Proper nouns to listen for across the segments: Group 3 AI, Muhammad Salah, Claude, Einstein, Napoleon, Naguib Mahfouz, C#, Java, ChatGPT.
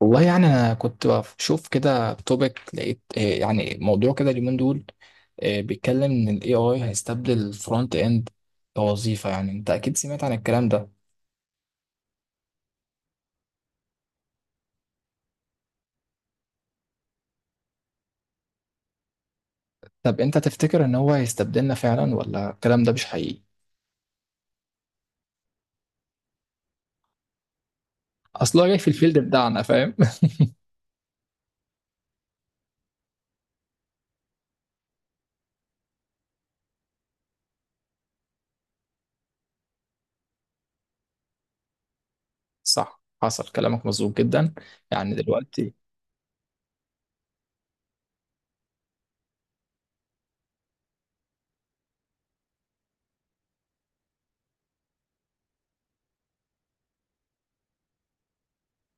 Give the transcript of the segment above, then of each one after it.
والله انا كنت بشوف كده توبيك لقيت يعني موضوع كده اليومين دول، بيتكلم ان الاي اي هيستبدل الفرونت اند كوظيفه. انت اكيد سمعت عن الكلام ده. طب انت تفتكر ان هو هيستبدلنا فعلا ولا الكلام ده مش حقيقي؟ اصلا جاي في الفيلد بتاعنا، فاهم؟ صح، حصل، كلامك مظبوط جدا. يعني دلوقتي،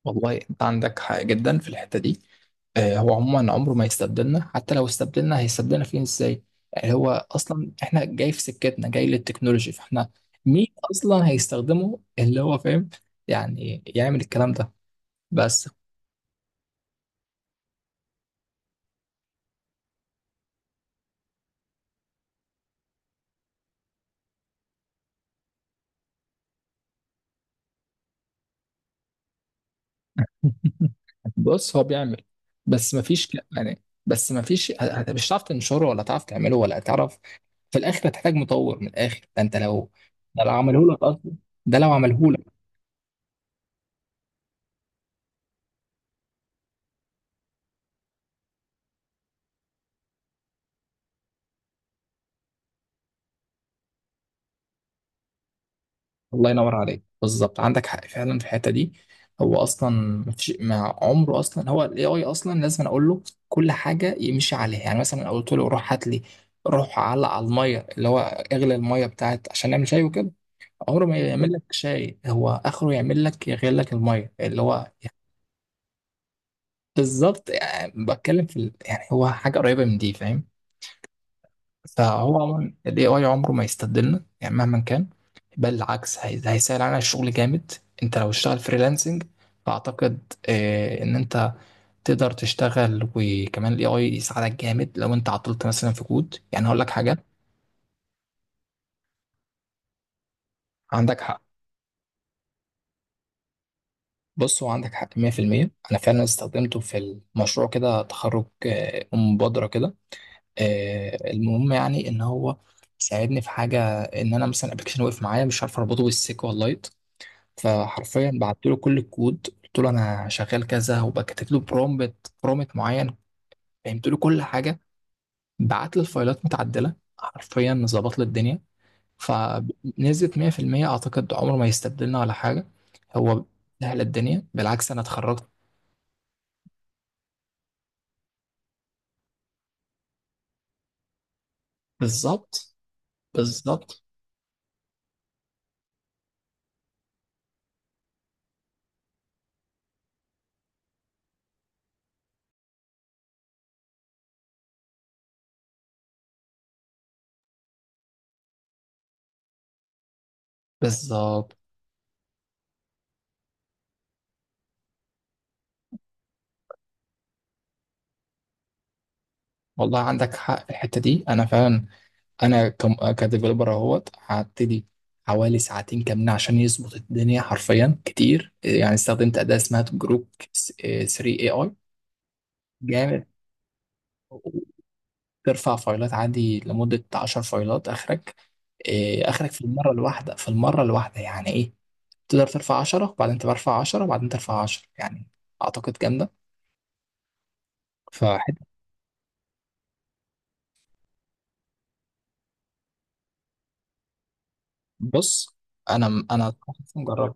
والله انت عندك حق جدا في الحته دي. هو عموما عمره ما يستبدلنا، حتى لو استبدلنا هيستبدلنا فين ازاي؟ يعني هو اصلا احنا جاي في سكتنا، جاي للتكنولوجي، فاحنا مين اصلا هيستخدمه؟ اللي هو فاهم يعني يعمل الكلام ده، بس. بص، هو بيعمل، بس مفيش ك- بس مفيش ه- ه- مش هتعرف تنشره، ولا هتعرف تعمله، ولا هتعرف. في الاخر هتحتاج مطور من الاخر ده، انت لو، ده لو عمله لك اصلا، ده لو عمله. الله ينور عليك، بالظبط، عندك حق فعلا في الحته دي. هو اصلا مفيش، مع عمره اصلا، هو الاي اي اصلا لازم أنا اقول له كل حاجه يمشي عليها. يعني مثلا أنا قلت له روح هات لي، روح علق على الميه اللي هو، اغلي الميه بتاعت عشان نعمل شاي وكده. عمره ما يعمل لك شاي، هو اخره يعمل لك يغلي لك الميه اللي هو. بالظبط، يعني بتكلم في ال- هو حاجه قريبه من دي، فاهم؟ فهو عموما ال AI عمره ما يستبدلنا يعني مهما كان. بل العكس، هي- هيسهل علينا الشغل جامد. انت لو اشتغل فريلانسنج، فاعتقد، ان انت تقدر تشتغل، وكمان الاي اي يساعدك جامد. لو انت عطلت مثلا في كود، يعني هقول لك حاجه. عندك حق. بص، هو عندك حق 100%. انا فعلا استخدمته في المشروع كده تخرج، مبادره كده. المهم يعني ان هو ساعدني في حاجه، ان انا مثلا ابلكيشن وقف معايا، مش عارف اربطه بالسيكوال لايت. فحرفيا بعت له كل الكود، قلت له انا شغال كذا، وبكتب له برومبت معين. فهمت له كل حاجه. بعت لي الفايلات متعدله، حرفيا ظبط لي الدنيا. فنزلت 100%. اعتقد عمره ما يستبدلنا ولا حاجه. هو سهل الدنيا، بالعكس انا اتخرجت. بالظبط، بالظبط، بالظبط. والله عندك حق في الحته دي انا فعلا. انا كم كديفلوبر اهوت هبتدي حوالي ساعتين كاملة عشان يظبط الدنيا، حرفيا كتير. يعني استخدمت أداة اسمها جروب 3 اي اي، جامد. ترفع فايلات عادي لمدة 10 فايلات اخرك، اخرك في المرة الواحدة، يعني ايه. تقدر ترفع 10 وبعدين ترفع 10 وبعدين ترفع 10 يعني. اعتقد جامدة فحته. بص، انا مجرب.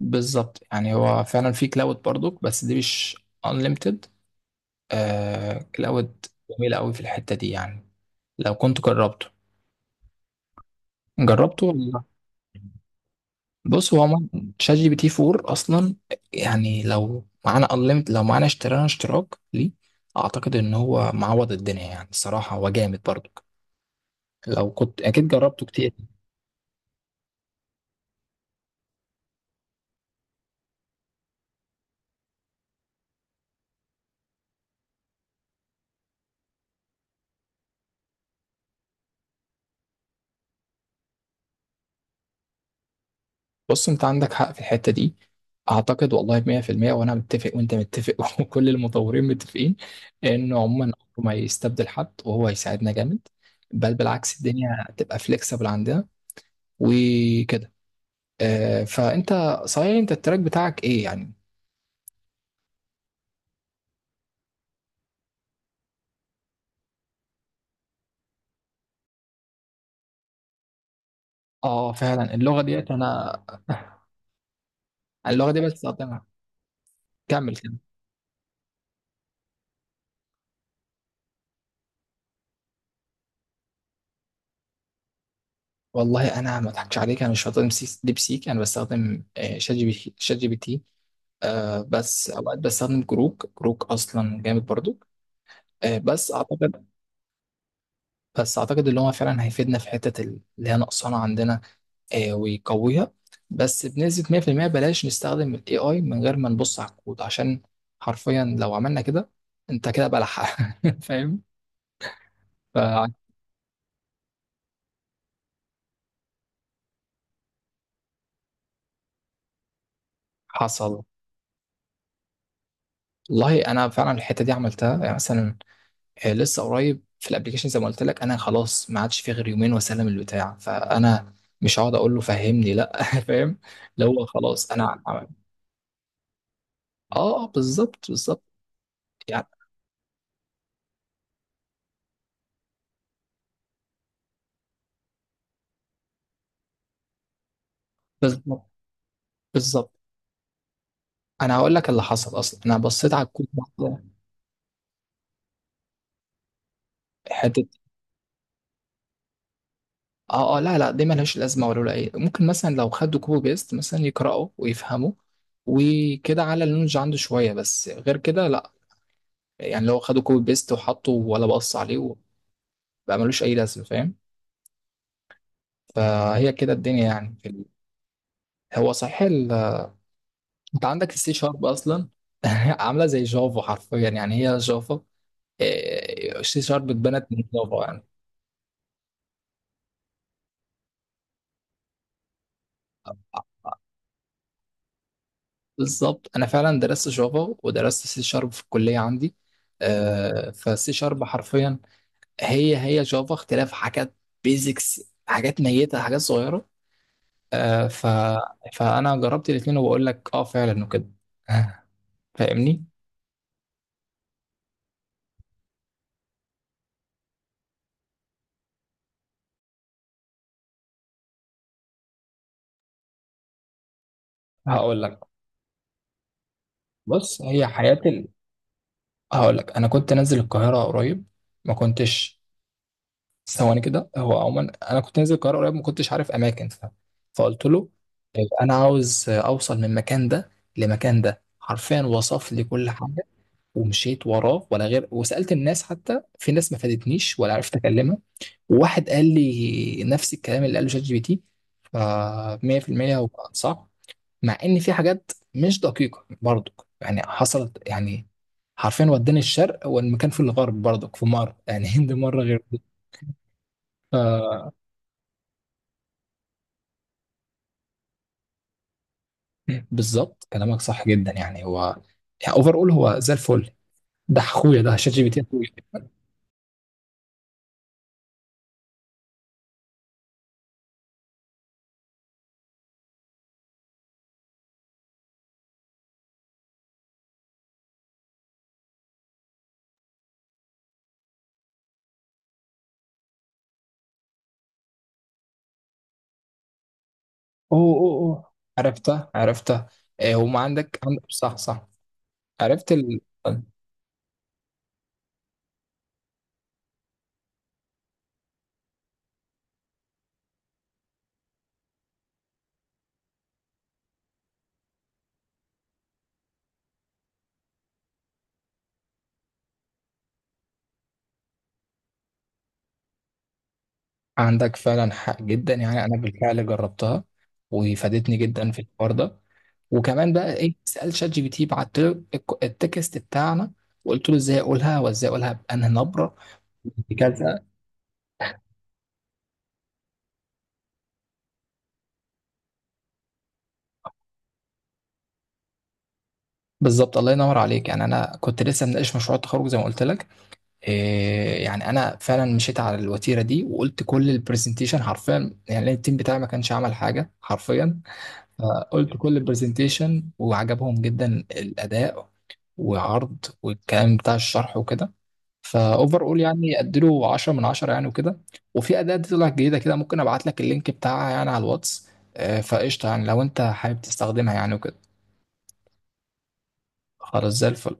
بالظبط، يعني هو فعلا في كلاود برضو، بس دي مش unlimited. آه كلاود جميل قوي في الحتة دي يعني لو كنت جربته. جربته ولا لأ؟ بص هو عموما شات جي بي تي 4 اصلا، يعني لو معانا unlimited، لو معانا اشترينا اشتراك ليه. اعتقد ان هو معوض الدنيا، يعني الصراحة هو جامد برضو، لو كنت اكيد جربته كتير. بص انت عندك حق في الحتة دي، اعتقد والله 100%. وانا متفق وانت متفق وكل المطورين متفقين انه عموما أمره ما يستبدل حد، وهو هيساعدنا جامد. بل بالعكس الدنيا هتبقى فليكسبل عندنا وكده. فانت، صحيح انت التراك بتاعك ايه يعني؟ اه فعلا اللغه ديت انا، اللغه دي بستخدمها. كمل كده. والله انا ما اضحكش عليك، انا مش بستخدم سي- ديب سيك، انا بستخدم شات جي بي تي، شات جي بي تي. آه بس اوقات بستخدم كروك، كروك اصلا جامد برضو. آه بس اعتقد، بس اعتقد اللي هو فعلا هيفيدنا في حته، اللي هي نقصانه عندنا، ويقويها. بس بنسبة 100% بلاش نستخدم ال AI من غير ما نبص على الكود، عشان حرفيا لو عملنا كده انت كده بلح. فاهم؟ فحصل. والله انا فعلا الحتة دي عملتها، يعني مثلا لسه قريب في الابليكيشن زي ما قلت لك، انا خلاص ما عادش في غير يومين واسلم البتاع، فانا مش هقعد اقول له فهمني لا. فاهم؟ اللي هو خلاص انا عم- اه، بالظبط بالظبط. يعني بالظبط بالظبط. انا هقول لك اللي حصل، اصلا انا بصيت على الكود مرة، حته. اه اه، لا لا، دي ملهاش لازمه، ولا ولا ايه ممكن مثلا لو خدوا كوبي بيست مثلا يقراوا ويفهموا وكده، على النولج عنده شويه. بس غير كده لا، يعني لو خدوا كوبي بيست وحطوا، ولا بقص عليه وبقى ملوش اي لازمه، فاهم؟ فهي كده الدنيا يعني في ال... هو صحيح ال... انت عندك السي شارب اصلا. عامله زي جافا حرفيا، يعني هي جافا. السي شارب اتبنت من جافا يعني. بالظبط، انا فعلا درست جافا ودرست سي شارب في الكليه عندي. فالسي شارب حرفيا هي هي جافا، اختلاف حاجات بيزكس، حاجات ميتة، حاجات صغيرة. آه ف... فأنا جربت الاتنين وبقول لك اه فعلا وكده. آه، فاهمني. هقول لك. بص هي حياة ال... هقول لك أنا كنت نازل القاهرة قريب، ما كنتش، ثواني كده. هو عموما أنا كنت نازل القاهرة قريب، ما كنتش عارف أماكن ف... فقلت له طيب أنا عاوز أوصل من المكان ده لمكان ده، حرفيا وصف لي كل حاجة. ومشيت وراه، ولا غير، وسألت الناس، حتى في ناس ما فادتنيش ولا عرفت أكلمها، وواحد قال لي نفس الكلام اللي قاله شات جي بي تي. ف 100% هو كان صح، مع ان في حاجات مش دقيقه برضك، يعني حصلت يعني، حرفيا وداني الشرق والمكان في الغرب، برضك في مره، يعني هند مره غير دي. ف بالظبط، كلامك صح جدا. يعني هو يعني اوفر اول هو زي الفل، ده اخويا، ده شات جي بي تي اخويا. اوه اوه اوه، عرفته عرفته. وما عندك عندك، صح صح. عرفت ال... عندك فعلا حق جدا، يعني انا بالفعل جربتها وفادتني جدا في الحوار ده. وكمان بقى ايه، سال شات جي بي تي، بعت له الك- التكست بتاعنا، وقلت له ازاي اقولها، وازاي اقولها بانهي نبره، بكذا. بالظبط، الله ينور عليك. يعني انا كنت لسه مناقش مشروع التخرج زي ما قلت لك. إيه، يعني انا فعلا مشيت على الوتيره دي وقلت كل البرزنتيشن حرفيا، يعني التيم بتاعي ما كانش عمل حاجه حرفيا. فقلت كل البرزنتيشن وعجبهم جدا الأداء وعرض والكلام بتاع الشرح وكده. فاوفر اول يعني اديله 10 من 10 يعني وكده. وفي اداة طلعت جديدة كده، ممكن ابعت لك اللينك بتاعها يعني على الواتس. فقشطة يعني لو انت حابب تستخدمها يعني وكده. خلاص زي الفل.